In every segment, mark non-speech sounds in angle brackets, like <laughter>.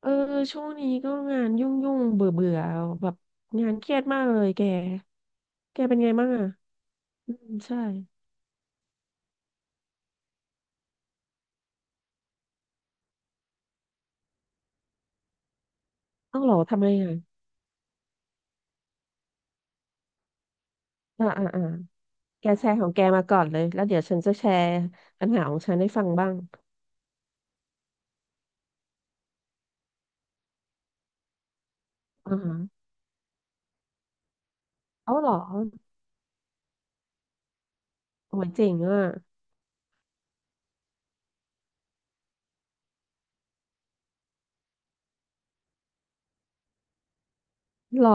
เออช่วงนี้ก็งานยุ่งยุ่งเบื่อเบื่อแบบงานเครียดมากเลยแกแกเป็นไงบ้างอ่ะอืมใช่เอ้าเหรอทำไมอ่ะอ่าอ่าอ่าแกแชร์ของแกมาก่อนเลยแล้วเดี๋ยวฉันจะแชร์ปัญหาของฉันให้ฟังบ้างอ่าฮะเอ้าเหรอโอ้ยเจ๋งอ่ะเหรอ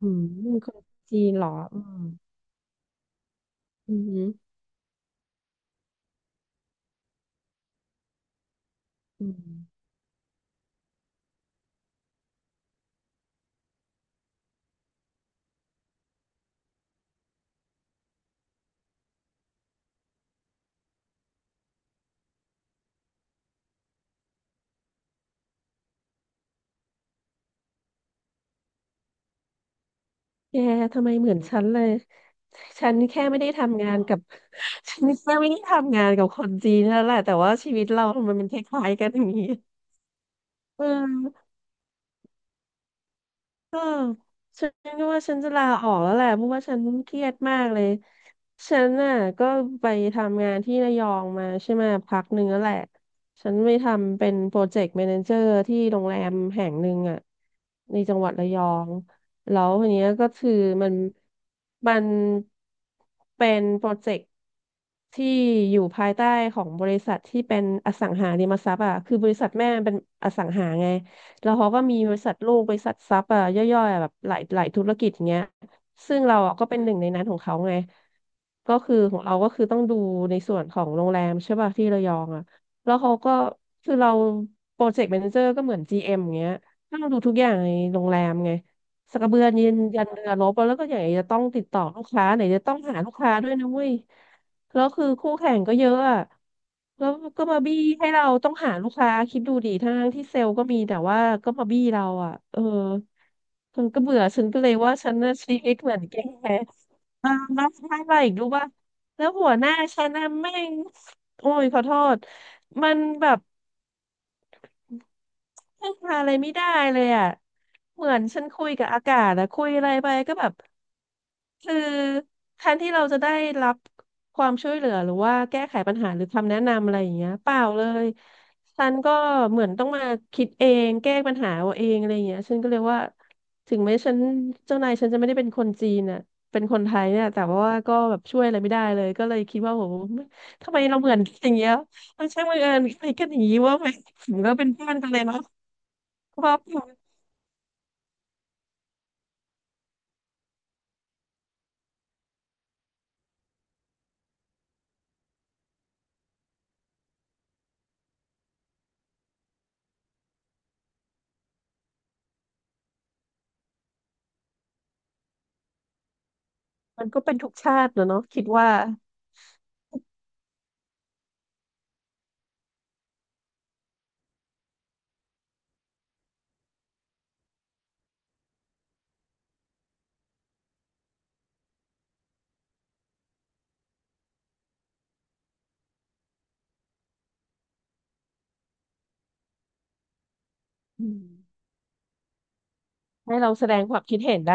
อืมมีคนจีนเหรออืมอืมอืม แกทำไมเหมือนฉันเลยฉันแค่ไม่ได้ทำงานกับ <laughs> ฉันแค่ไม่ได้ทำงานกับคนจีนนั่นแหละแต่ว่าชีวิตเราทำไมันมันคล้ายๆกันอย่างนี้เออ เออฉันก็ว่าฉันจะลาออกแล้วแหละเพราะว่าฉันเครียดมากเลยฉันน่ะก็ไปทำงานที่ระยองมาใช่ไหมพักหนึ่งแล้วแหละฉันไปทำเป็นโปรเจกต์แมเนเจอร์ที่โรงแรมแห่งหนึ่งอ่ะในจังหวัดระยองแล้วทีเนี้ยก็คือมันมันเป็นโปรเจกต์ที่อยู่ภายใต้ของบริษัทที่เป็นอสังหาริมทรัพย์อ่ะคือบริษัทแม่มันเป็นอสังหาไง แล้วเขาก็มีบริษัทลูกบริษัทซับอ่ะย่อยๆอะแบบหลายหลายธุรกิจเงี้ยซึ่งเราอะก็เป็นหนึ่งในนั้นของเขาไงก็คือของเราก็คือต้องดูในส่วนของโรงแรมใช่ป่ะที่ระยองอ่ะแล้วเขาก็คือเราโปรเจกต์แมเนเจอร์ก็เหมือน GM อมอย่างเงี้ยต้องดูทุกอย่างในโรงแรมไงสักกระเบือยืนยันเรือรบแล้วก็อย่างไรจะต้องติดต่อลูกค้าไหนจะต้องหาลูกค้าด้วยนะเว้ย แล้วคือคู่แข่งก็เยอะอะ แล้วก็มาบี้ให้เราต้องหาลูกค้าคิดดูดิทั้งที่เซลล์ก็มีแต่ว่าก็มาบี้เราอ่ะเออฉันก็เบื่อฉันก็เลยว่าฉันน่ะชีวิตเหมือนแกอ่าแล้วท้ายมาอีกรู้ป่ะแล้วหัวหน้าฉันน่ะแม่งโอ้ยขอโทษมันแบบ พึ่งพาอะไรไม่ได้เลยอ่ะเหมือนฉันคุยกับอากาศอะคุยอะไรไปก็แบบคือแทนที่เราจะได้รับความช่วยเหลือหรือว่าแก้ไขปัญหาหรือคำแนะนำอะไรอย่างเงี้ยเปล่าเลยฉันก็เหมือนต้องมาคิดเองแก้ปัญหาเอาเองอะไรอย่างเงี้ยฉันก็เลยว่าถึงแม้ฉันเจ้านายฉันจะไม่ได้เป็นคนจีนอ่ะเป็นคนไทยเนี่ยแต่ว่าก็แบบช่วยอะไรไม่ได้เลยก็เลยคิดว่าโหทำไมเราเหมือนกันอย่างเงี้ยมันช่างบังเอิญ <laughs> กันอย่างงี้ว่าไหม ถือวเป็นเพื่อนกันเลยเนาะเพราะว่ามันก็เป็นทุกชาติเนอะเนาะคิดว่าอืมให้เราแสดงความคิดเห็นได้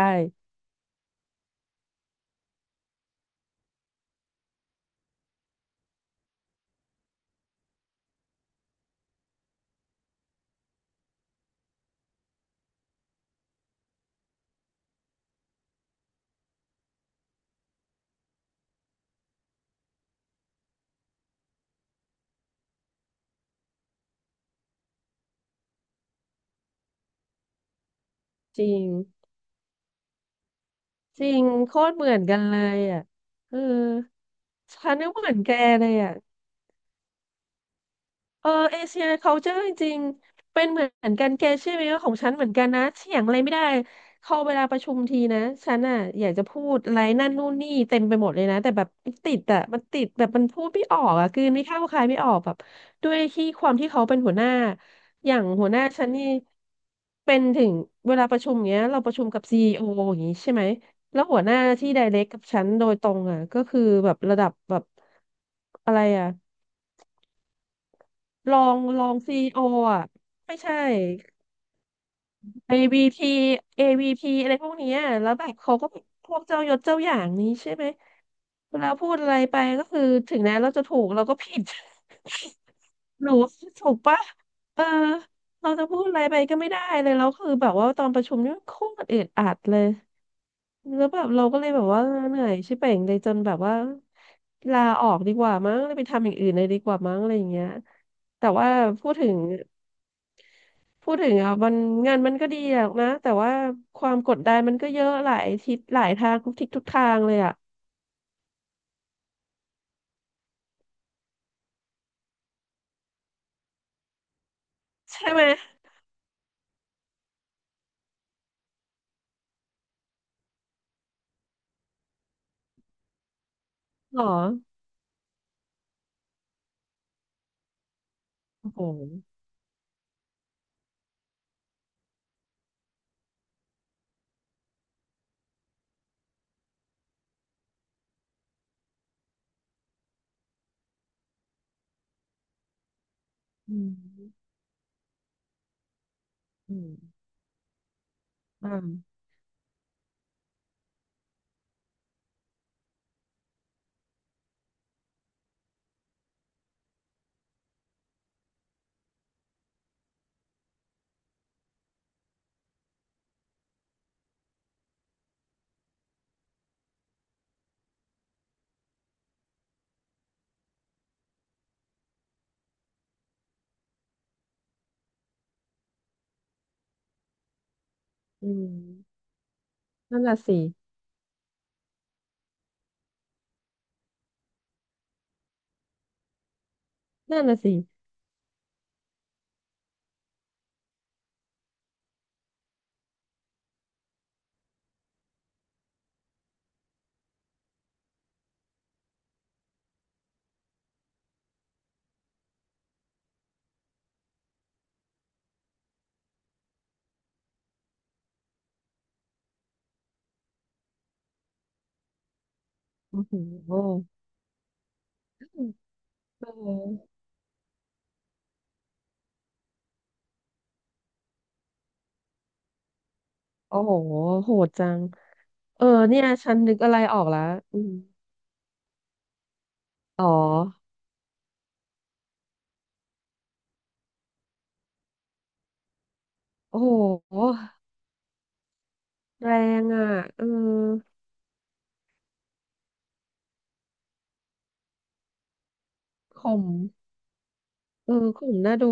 จริงจริงโคตรเหมือนกันเลยอ่ะเออฉันก็เหมือนแกเลยอ่ะ เออเอเชีย culture จริงๆเป็นเหมือนกันแกเชื่อไหมว่าของฉันเหมือนกันนะเถียงอะไรไม่ได้เขาเวลาประชุมทีนะฉันอ่ะอยากจะพูดอะไรนั่นนู่นนี่เต็มไปหมดเลยนะแต่แบบติดอ่ะมันติดแบบมันพูดไม่ออกอ่ะกลืนไม่เข้าคายไม่ออกแบบด้วยที่ความที่เขาเป็นหัวหน้าอย่างหัวหน้าฉันนี่เป็นถึงเวลาประชุมเงี้ยเราประชุมกับซีอีโออย่างงี้ใช่ไหมแล้วหัวหน้าที่ไดเรกกับฉันโดยตรงอ่ะก็คือแบบระดับแบบอะไรอ่ะ รองรองซีโออ่ะไม่ใช่ AVT AVP อวีพีอะไรพวกเนี้ยแล้วแบบเขาก็พวกเจ้ายศเจ้าอย่างนี้ใช่ไหมเวลาพูดอะไรไปก็คือถึงแม้เราจะถูกเราก็ผิด <laughs> หนูถูกปะเออเราจะพูดอะไรไปก็ไม่ได้เลยแล้วคือแบบว่าตอนประชุมนี่โคตรอึดอัดเลยแล้วแบบเราก็เลยแบบว่าเหนื่อยชิบเป่งเลยจนแบบว่าลาออกดีกว่ามั้งเลยไปทำอย่างอื่นเลยดีกว่ามั้งอะไรอย่างเงี้ยแต่ว่าพูดถึง อ่ะมันงานมันก็ดีหรอกนะแต่ว่าความกดดันมันก็เยอะหลายทิศหลายทางทุกทิศทุกทางเลยอ่ะใช่ไหมหรอโอ้โหอืมอืมอ่าอืมนั่นน่ะสินั่นน่ะสิโอ้โหเออโอ้โหโหดจังเออเนี่ยฉันนึกอะไรออกแล้วอืมอ๋อโอ้โหแรงอ่ะเออข่ม เออกลุ่มน่าดู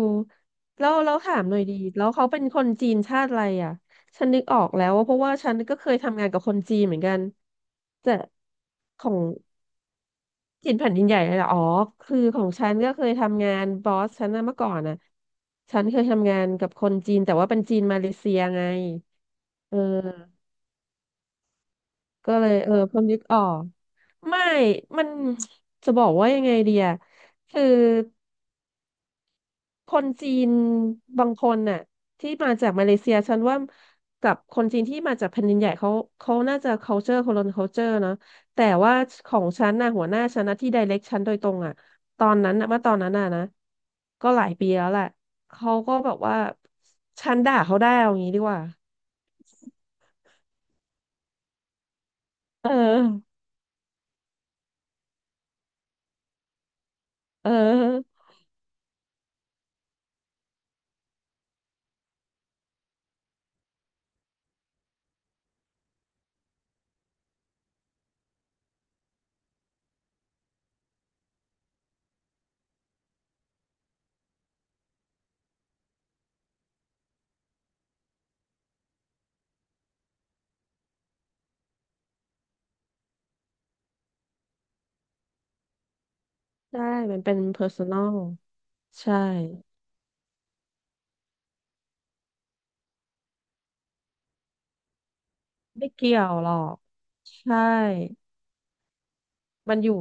แล้วถามหน่อยดีแล้วเขาเป็นคนจีนชาติอะไรอ่ะฉันนึกออกแล้วว่าเพราะว่าฉันก็เคยทำงานกับคนจีนเหมือนกันแต่ของจีนแผ่นดินใหญ่เลยเหรออ๋อคือของฉันก็เคยทำงานบอสฉันนะเมื่อก่อนนะฉันเคยทำงานกับคนจีนแต่ว่าเป็นจีนมาเลเซียไงเออก็เลยเออเพิ่งนึกออกไม่มัน <tsk> จะบอกว่ายังไงดีอะคือ คนจีนบางคนน่ะที่มาจากมาเลเซียฉันว่ากับคนจีนที่มาจากแผ่นดินใหญ่เขาเขาน่าจะ culture คนละ culture เนอะแต่ว่าของฉันน่ะหัวหน้าฉันนะที่ direct ฉันโดยตรงอ่ะตอนนั้นน่ะเมื่อตอนนั้นน่ะนะก็หลายปีแล้วแหละเขาก็แบบว่าฉันด่าเขาได้เอางี้ดีกว่าเออเออใช่มันเป็น personal ใช่ไม่เกี่ยวหรอกใช่มันอยู่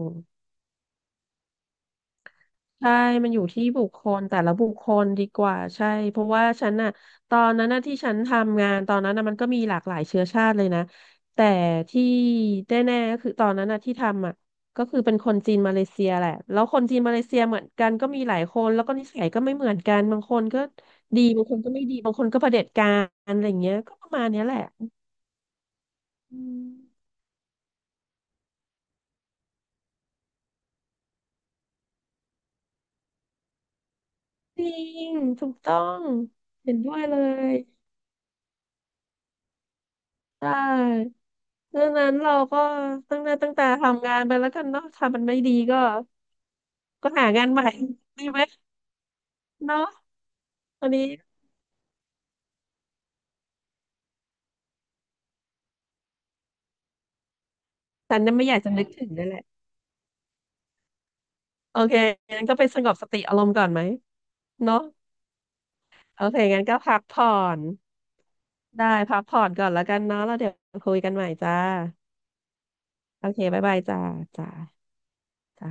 ใช่มันอยู่ที่บุคคลแต่ละบุคคลดีกว่าใช่เพราะว่าฉันน่ะตอนนั้นน่ะที่ฉันทำงานตอนนั้นน่ะมันก็มีหลากหลายเชื้อชาติเลยนะแต่ที่แน่ๆก็คือตอนนั้นน่ะที่ทำอ่ะก็คือเป็นคนจีนมาเลเซียแหละแล้วคนจีนมาเลเซียเหมือนกันก็มีหลายคนแล้วก็นิสัยก็ไม่เหมือนกันบางคนก็ดีบางคนก็ไม่ดีบางคนก็เผด็จการอะไรอย่างเงี้ยก็ประมาณเนี้ยแหละอืมจริงถูกต้องเห็นด้วยเลยใช่ ดังนั้นเราก็ตั้งหน้าตั้งตาทำงานไปแล้วกันเนาะถ้ามันไม่ดีก็ก็หางานใหม่ <laughs> ดีไหมเนาะอันนี้ฉันน่ะไม่อยากจะนึกถึงนั่นแหละโอเคงั้นก็ไปสงบสติอารมณ์ก่อนไหมเนาะโอเคงั้นก็พักผ่อนได้พักผ่อนก่อนแล้วกันเนาะแล้วเดี๋ยวคุยกันใหม่จ้าโอเคบ๊ายบายจ้าจ้าจ้า